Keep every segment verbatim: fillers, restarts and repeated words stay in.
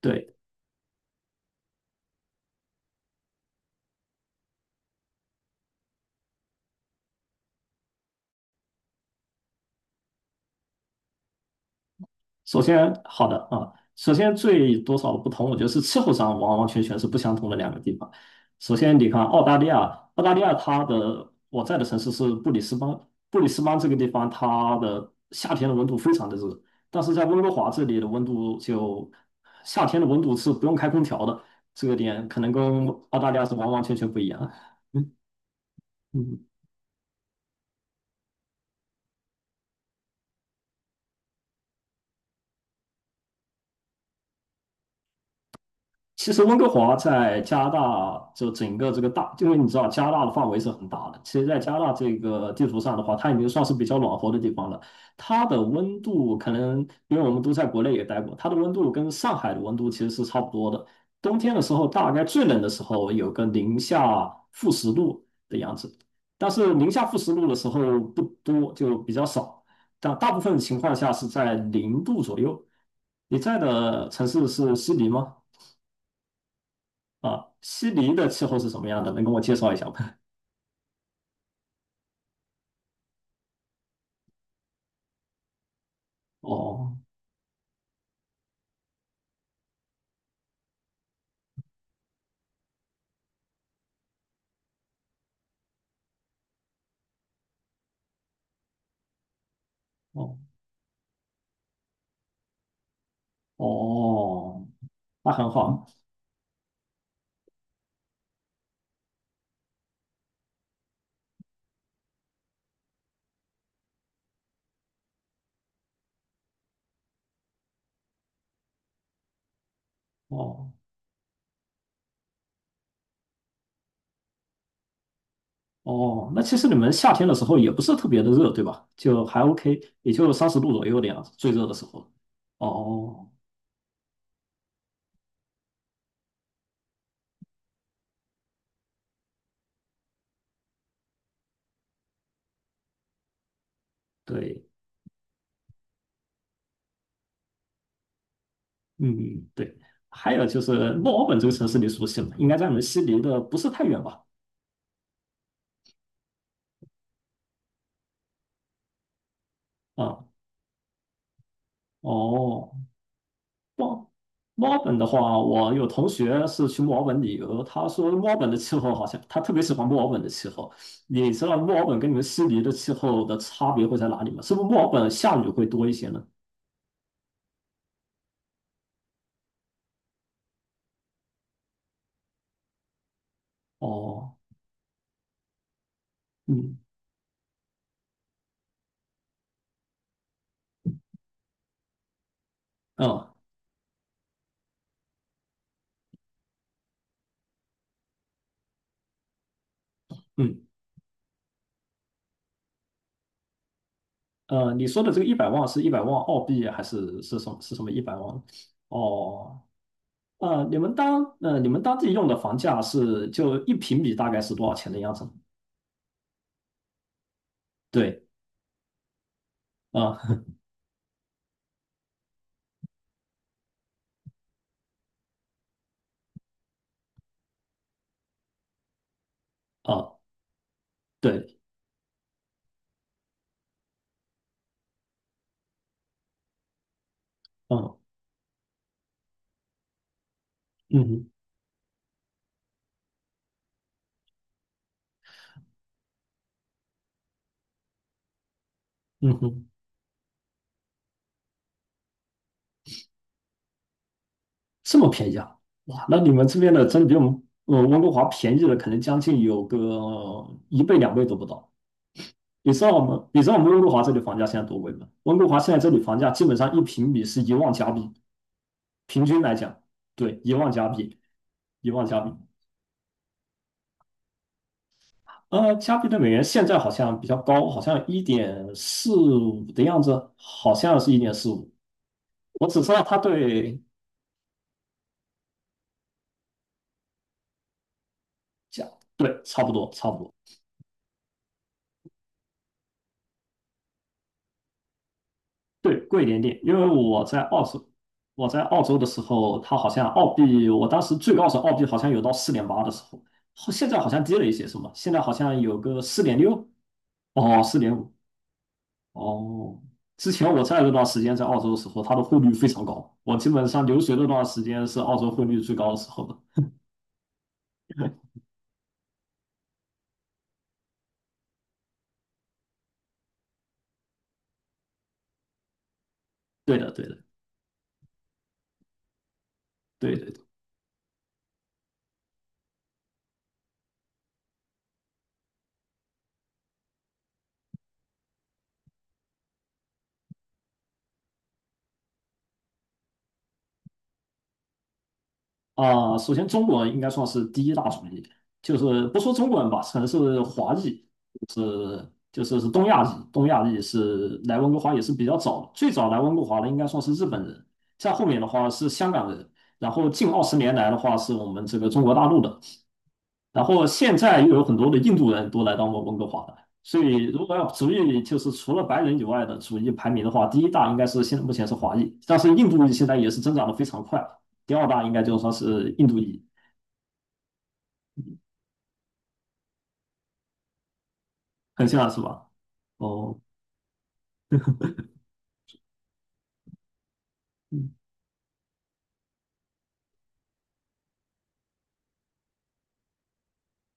对，首先好的啊，首先最多少的不同，我觉得是气候上完完全全是不相同的两个地方。首先，你看澳大利亚，澳大利亚它的我在的城市是布里斯班，布里斯班这个地方它的夏天的温度非常的热，但是在温哥华这里的温度就夏天的温度是不用开空调的，这个点可能跟澳大利亚是完完全全不一样。嗯其实温哥华在加拿大，就整个这个大，因为你知道加拿大的范围是很大的。其实，在加拿大这个地图上的话，它已经算是比较暖和的地方了。它的温度可能，因为我们都在国内也待过，它的温度跟上海的温度其实是差不多的。冬天的时候，大概最冷的时候有个零下负十度的样子，但是零下负十度的时候不多，就比较少。但大部分情况下是在零度左右。你在的城市是悉尼吗？啊，悉尼的气候是什么样的？能跟我介绍一下吗？哦哦哦，那很好。哦哦，那其实你们夏天的时候也不是特别的热，对吧？就还 OK，也就三十度左右的样子，最热的时候。哦，对，嗯，对。还有就是墨尔本这个城市你熟悉吗？应该在你们悉尼的不是太远吧？啊，哦墨墨尔本的话，我有同学是去墨尔本旅游，他说墨尔本的气候好像他特别喜欢墨尔本的气候。你知道墨尔本跟你们悉尼的气候的差别会在哪里吗？是不是墨尔本下雨会多一些呢？哦，嗯，嗯嗯，呃，你说的这个一百万是一百万澳币还是是什么是什么一百万？哦，呃，你们当呃你们当地用的房价是就一平米大概是多少钱的样子？对，啊、啊、对，嗯嗯哼嗯哼。这么便宜啊？哇，那你们这边的真的比我们呃温哥华便宜了，可能将近有个一倍两倍都不到。你知道我们，你知道我们温哥华这里房价现在多贵吗？温哥华现在这里房价基本上一平米是一万加币，平均来讲，对，一万加币，一万加币。呃，加币对美元现在好像比较高，好像一点四五的样子，好像是一点四五。我只知道它对加，对，差不多，差不多。对，贵一点点，因为我在澳洲，我在澳洲的时候，它好像澳币，我当时最高时候澳币好像有到四点八的时候，后现在好像跌了一些，是吗？现在好像有个四点六，哦，四点五，哦。之前我在那段时间在澳洲的时候，它的汇率非常高，我基本上留学那段时间是澳洲汇率最高的时候的。对的，对的，对的。啊、首先中国人应该算是第一大种裔，就是不说中国人吧，可能是华裔，就是就是是东亚裔，东亚裔是来温哥华也是比较早的，最早来温哥华的应该算是日本人，再后面的话是香港人，然后近二十年来的话是我们这个中国大陆的，然后现在又有很多的印度人都来到我们温哥华了，所以如果要族裔，就是除了白人以外的族裔排名的话，第一大应该是现在目前是华裔，但是印度裔现在也是增长的非常快，第二大应该就算是印度裔，很像是吧？哦，嗯，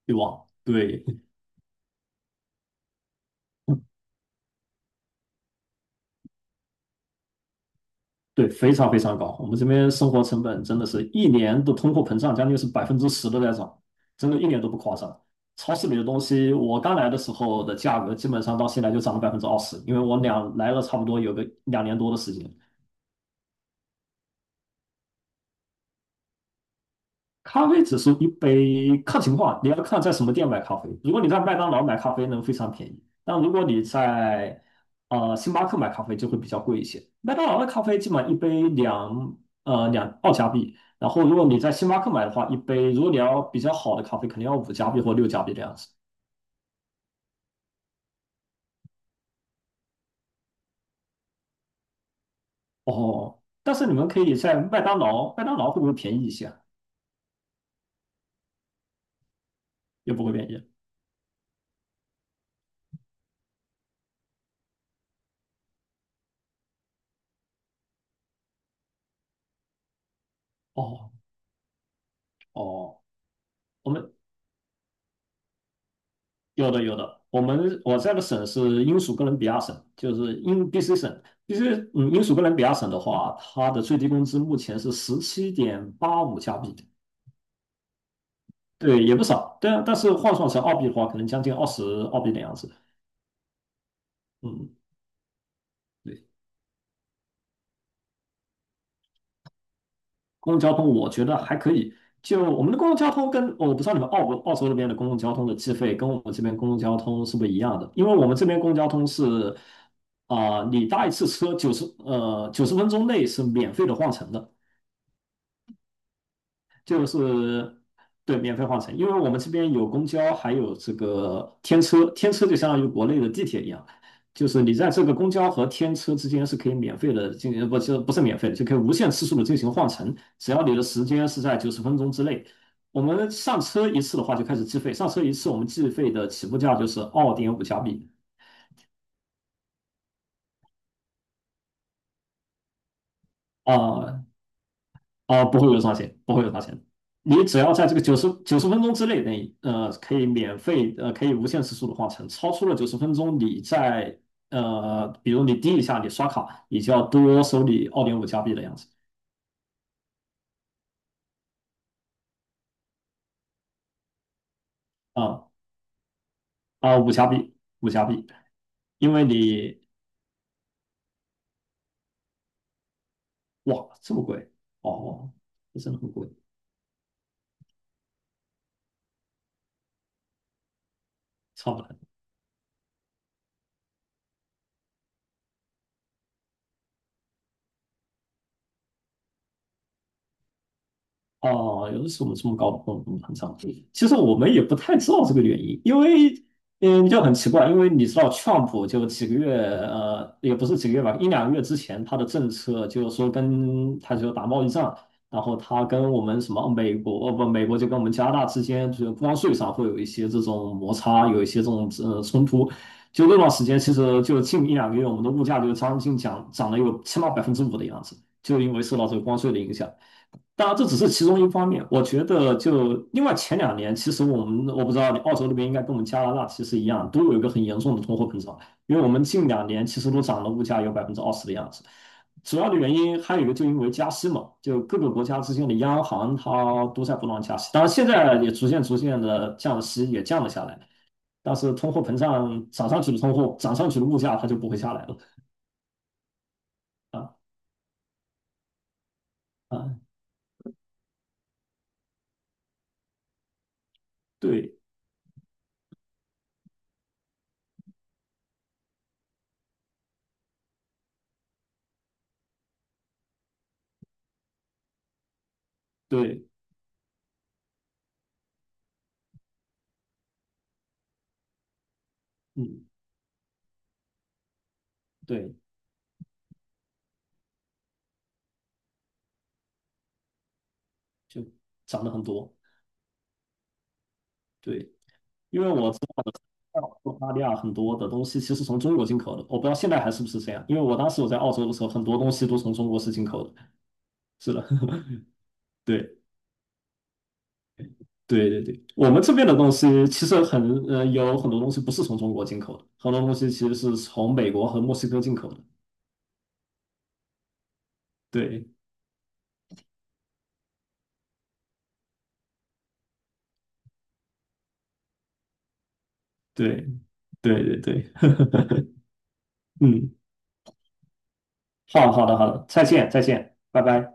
对吧？对，对，非常非常高。我们这边生活成本真的是一年的通货膨胀将近是百分之十都在涨，真的一点都不夸张。超市里的东西，我刚来的时候的价格基本上到现在就涨了百分之二十，因为我俩来了差不多有个两年多的时间。咖啡只是一杯，看情况，你要看在什么店买咖啡。如果你在麦当劳买咖啡呢，非常便宜；但如果你在呃星巴克买咖啡，就会比较贵一些。麦当劳的咖啡基本上一杯两呃两澳加币，然后如果你在星巴克买的话，一杯如果你要比较好的咖啡，肯定要五加币或六加币这样子。哦，但是你们可以在麦当劳，麦当劳会不会便宜一些啊也不会便宜。哦哦，我们有的有的，我们我在的省是英属哥伦比亚省，就是英 B C 省。B C 嗯，英属哥伦比亚省的话，它的最低工资目前是十七点八五加币，对，也不少。但但是换算成澳币的话，可能将近二十澳币的样子。嗯，对，公共交通我觉得还可以。就我们的公共交通跟哦我不知道你们澳澳洲那边的公共交通的计费跟我们这边公共交通是不是一样的？因为我们这边公共交通是啊、你搭一次车九十呃九十分钟内是免费的换乘的。就是对免费换乘，因为我们这边有公交，还有这个天车，天车就相当于国内的地铁一样，就是你在这个公交和天车之间是可以免费的进行，不是不是免费的，就可以无限次数的进行换乘，只要你的时间是在九十分钟之内。我们上车一次的话就开始计费，上车一次我们计费的起步价就是二点五加币。啊、啊，不会有上钱，不会有上钱。你只要在这个九十九十分钟之内内，呃，可以免费，呃，可以无限次数的换乘。超出了九十分钟，你在呃，比如你滴一下，你刷卡，你就要多收你二点五加币的样子。啊啊，五加币，五加币，因为你哇这么贵哦，真的很贵，超不来。哦，有的时候我们这么高的共很成长？其实我们也不太知道这个原因，因为嗯，就很奇怪，因为你知道，Trump 就几个月呃，也不是几个月吧，一两个月之前，他的政策就是说跟他就打贸易战，然后他跟我们什么美国，哦不，美国就跟我们加拿大之间，就是关税上会有一些这种摩擦，有一些这种呃冲突。就那段时间，其实就近一两个月，我们的物价就将近涨涨了有起码百分之五的样子，就因为受到这个关税的影响。当然，这只是其中一方面。我觉得，就另外前两年，其实我们我不知道，你澳洲那边应该跟我们加拿大其实一样，都有一个很严重的通货膨胀。因为我们近两年其实都涨了，物价有百分之二十的样子。主要的原因还有一个，就因为加息嘛，就各个国家之间的央行它都在不断加息。当然，现在也逐渐逐渐的降息，也降了下来。但是通货膨胀涨上去的通货，涨上去的物价它就不会下来了。啊啊，对对，嗯，对，就涨了很多。对。因为我知道澳大利亚很多的东西其实从中国进口的，我不知道现在还是不是这样。因为我当时我在澳洲的时候，很多东西都从中国是进口的。是的，对对对对，我们这边的东西其实很呃，有很多东西不是从中国进口的，很多东西其实是从美国和墨西哥进口的。对对对对对，嗯，好的好的好的，再见再见，拜拜。